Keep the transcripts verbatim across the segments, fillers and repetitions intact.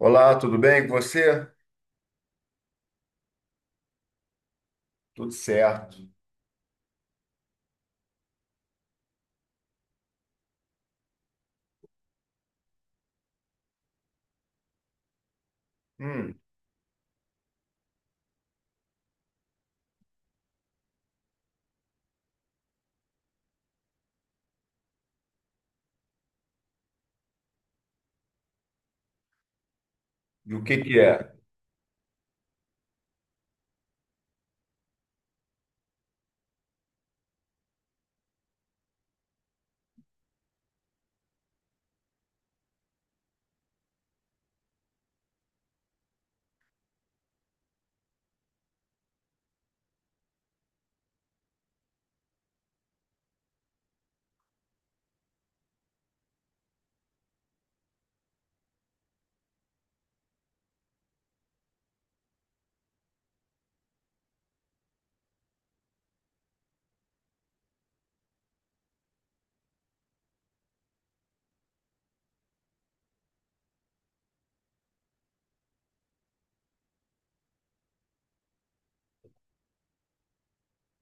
Olá, tudo bem com você? Tudo certo. Hum, e o que que é?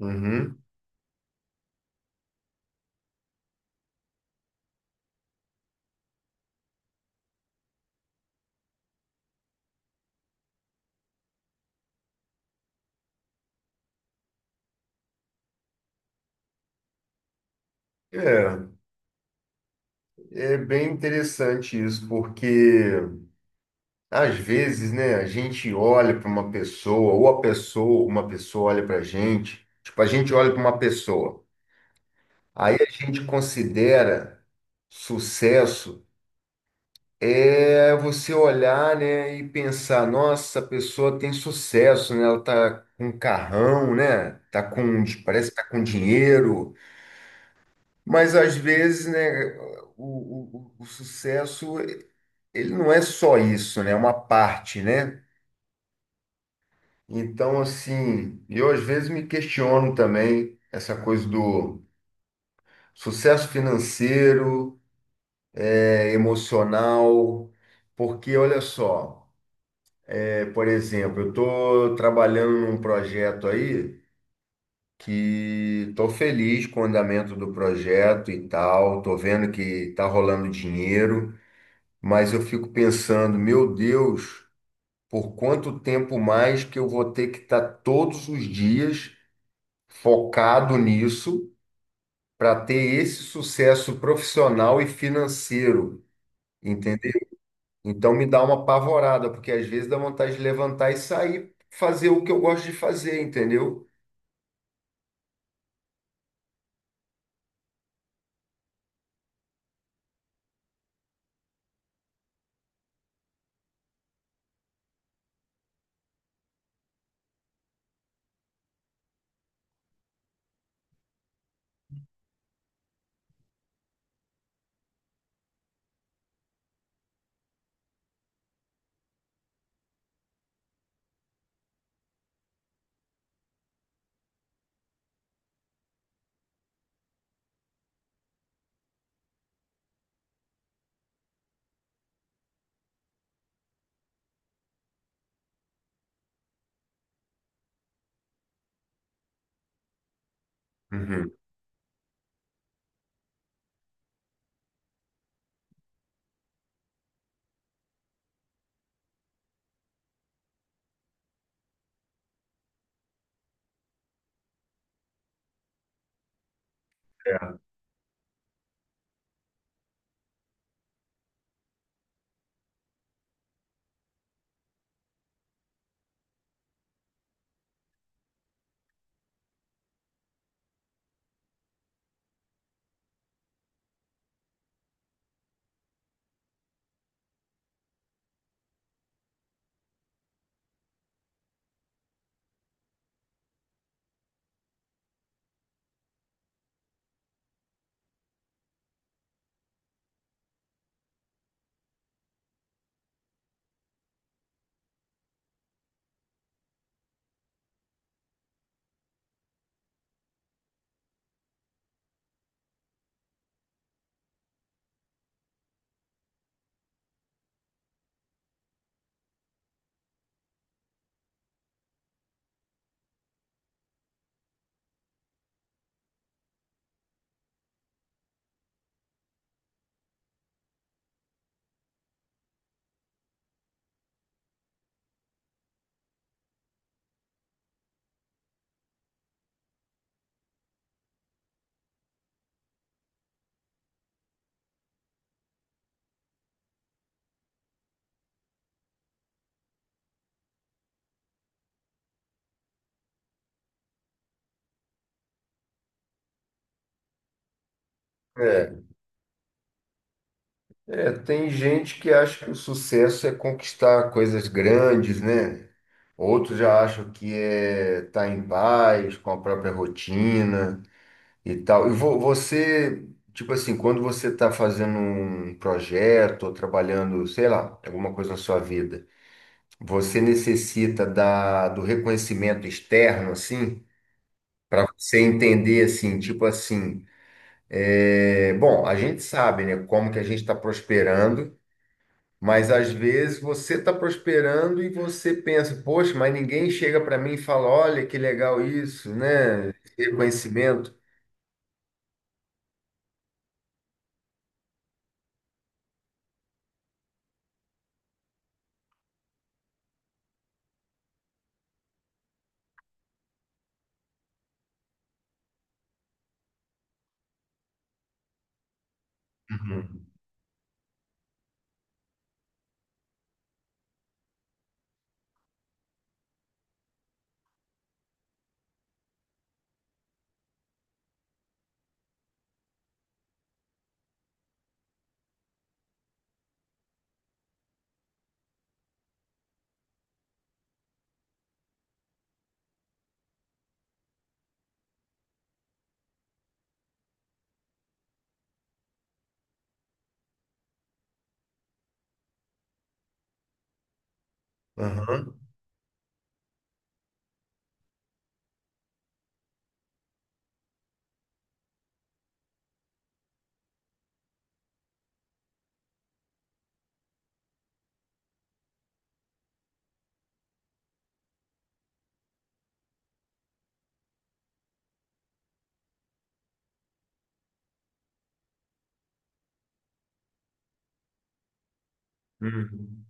Uhum. É, é bem interessante isso, porque às vezes, né, a gente olha para uma pessoa, ou a pessoa, uma pessoa olha para a gente, tipo, a gente olha para uma pessoa, aí a gente considera sucesso é você olhar, né, e pensar, nossa, a pessoa tem sucesso, né? Ela tá com um carrão, né? Tá com, parece que tá com dinheiro. Mas às vezes, né, o, o, o sucesso, ele não é só isso, né? É uma parte, né? Então, assim, eu às vezes me questiono também essa coisa do sucesso financeiro, é, emocional, porque olha só, é, por exemplo, eu estou trabalhando num projeto aí que estou feliz com o andamento do projeto e tal, estou vendo que está rolando dinheiro. Mas eu fico pensando, meu Deus, por quanto tempo mais que eu vou ter que estar todos os dias focado nisso para ter esse sucesso profissional e financeiro, entendeu? Então me dá uma apavorada, porque às vezes dá vontade de levantar e sair fazer o que eu gosto de fazer, entendeu? Uhum. É, é, tem gente que acha que o sucesso é conquistar coisas grandes, né? Outros já acham que é tá em paz com a própria rotina e tal. E vo- você, tipo assim, quando você está fazendo um projeto ou trabalhando, sei lá, alguma coisa na sua vida, você necessita da, do reconhecimento externo, assim, para você entender, assim, tipo assim, é, bom, a gente sabe, né, como que a gente está prosperando. Mas às vezes você está prosperando e você pensa, poxa, mas ninguém chega para mim e fala, olha que legal isso, né? Reconhecimento. Uhum. Aham. Uhum.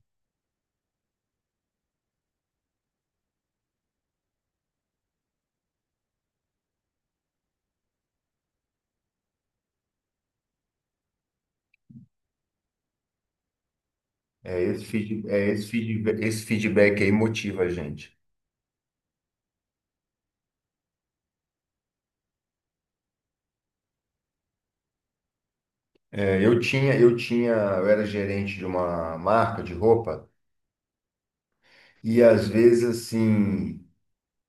É esse feedback, é esse feedback, esse feedback aí motiva a gente. É, eu tinha, eu tinha, eu era gerente de uma marca de roupa e às vezes assim,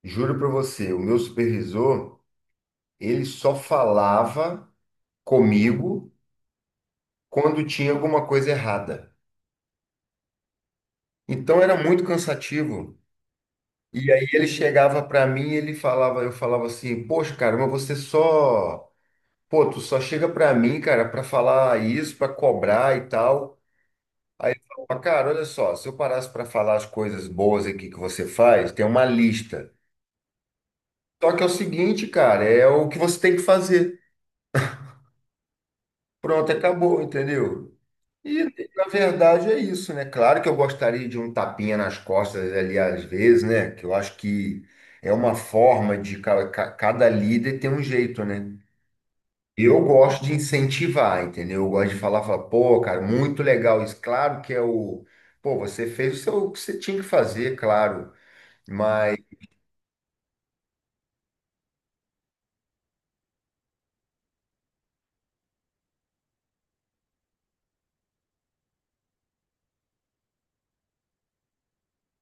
juro para você, o meu supervisor, ele só falava comigo quando tinha alguma coisa errada. Então era muito cansativo. E aí ele chegava para mim e ele falava, eu falava assim, poxa, cara, mas você só, pô, tu só chega para mim, cara, para falar isso, para cobrar e tal. Aí ele falava, cara, olha só, se eu parasse para falar as coisas boas aqui que você faz, tem uma lista. Só que é o seguinte, cara, é o que você tem que fazer. Pronto, acabou, entendeu? E, na verdade, é isso, né? Claro que eu gostaria de um tapinha nas costas ali às vezes, né? Que eu acho que é uma forma de ca- ca- cada líder ter um jeito, né? Eu gosto de incentivar, entendeu? Eu gosto de falar, falar, pô, cara, muito legal isso. Claro que é o. Pô, você fez o seu- o que você tinha que fazer, claro. Mas,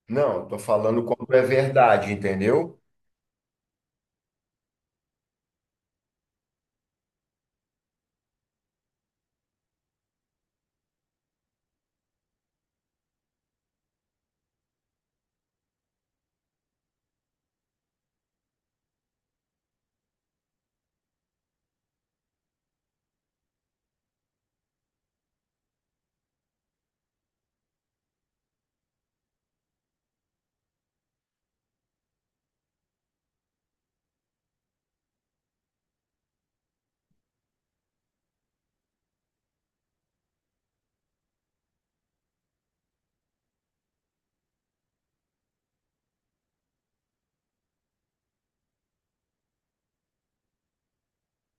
não, eu tô falando quando é verdade, entendeu?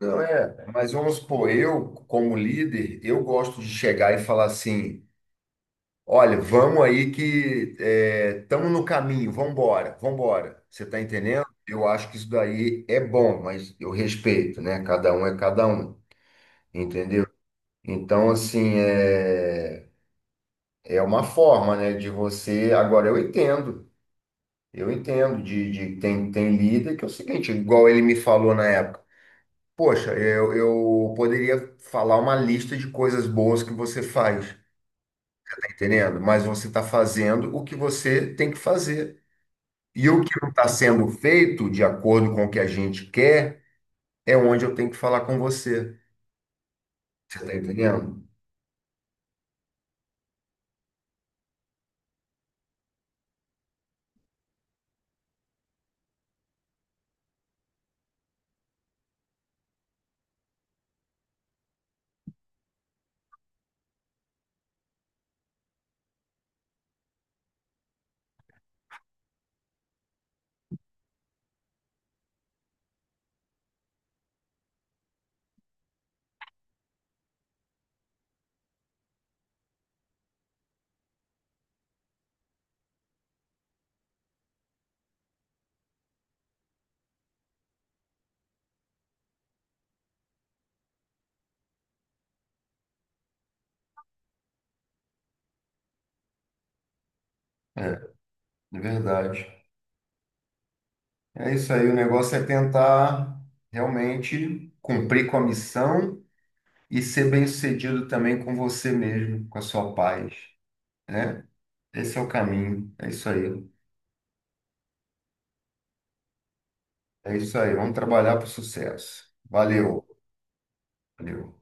Não é. Mas vamos supor, eu, como líder, eu gosto de chegar e falar assim. Olha, vamos aí que estamos no caminho, vamos embora, vamos vambora. Você está entendendo? Eu acho que isso daí é bom, mas eu respeito, né? Cada um é cada um, entendeu? Então, assim, é, é uma forma, né, de você. Agora, eu entendo, eu entendo de, de tem, tem líder que é o seguinte, igual ele me falou na época. Poxa, eu, eu poderia falar uma lista de coisas boas que você faz, tá entendendo? Mas você está fazendo o que você tem que fazer. E o que não está sendo feito de acordo com o que a gente quer é onde eu tenho que falar com você. Você está entendendo? É, é verdade. É isso aí, o negócio é tentar realmente cumprir com a missão e ser bem-sucedido também com você mesmo, com a sua paz, né? Esse é o caminho, é isso aí. É isso aí, vamos trabalhar para o sucesso. Valeu, valeu.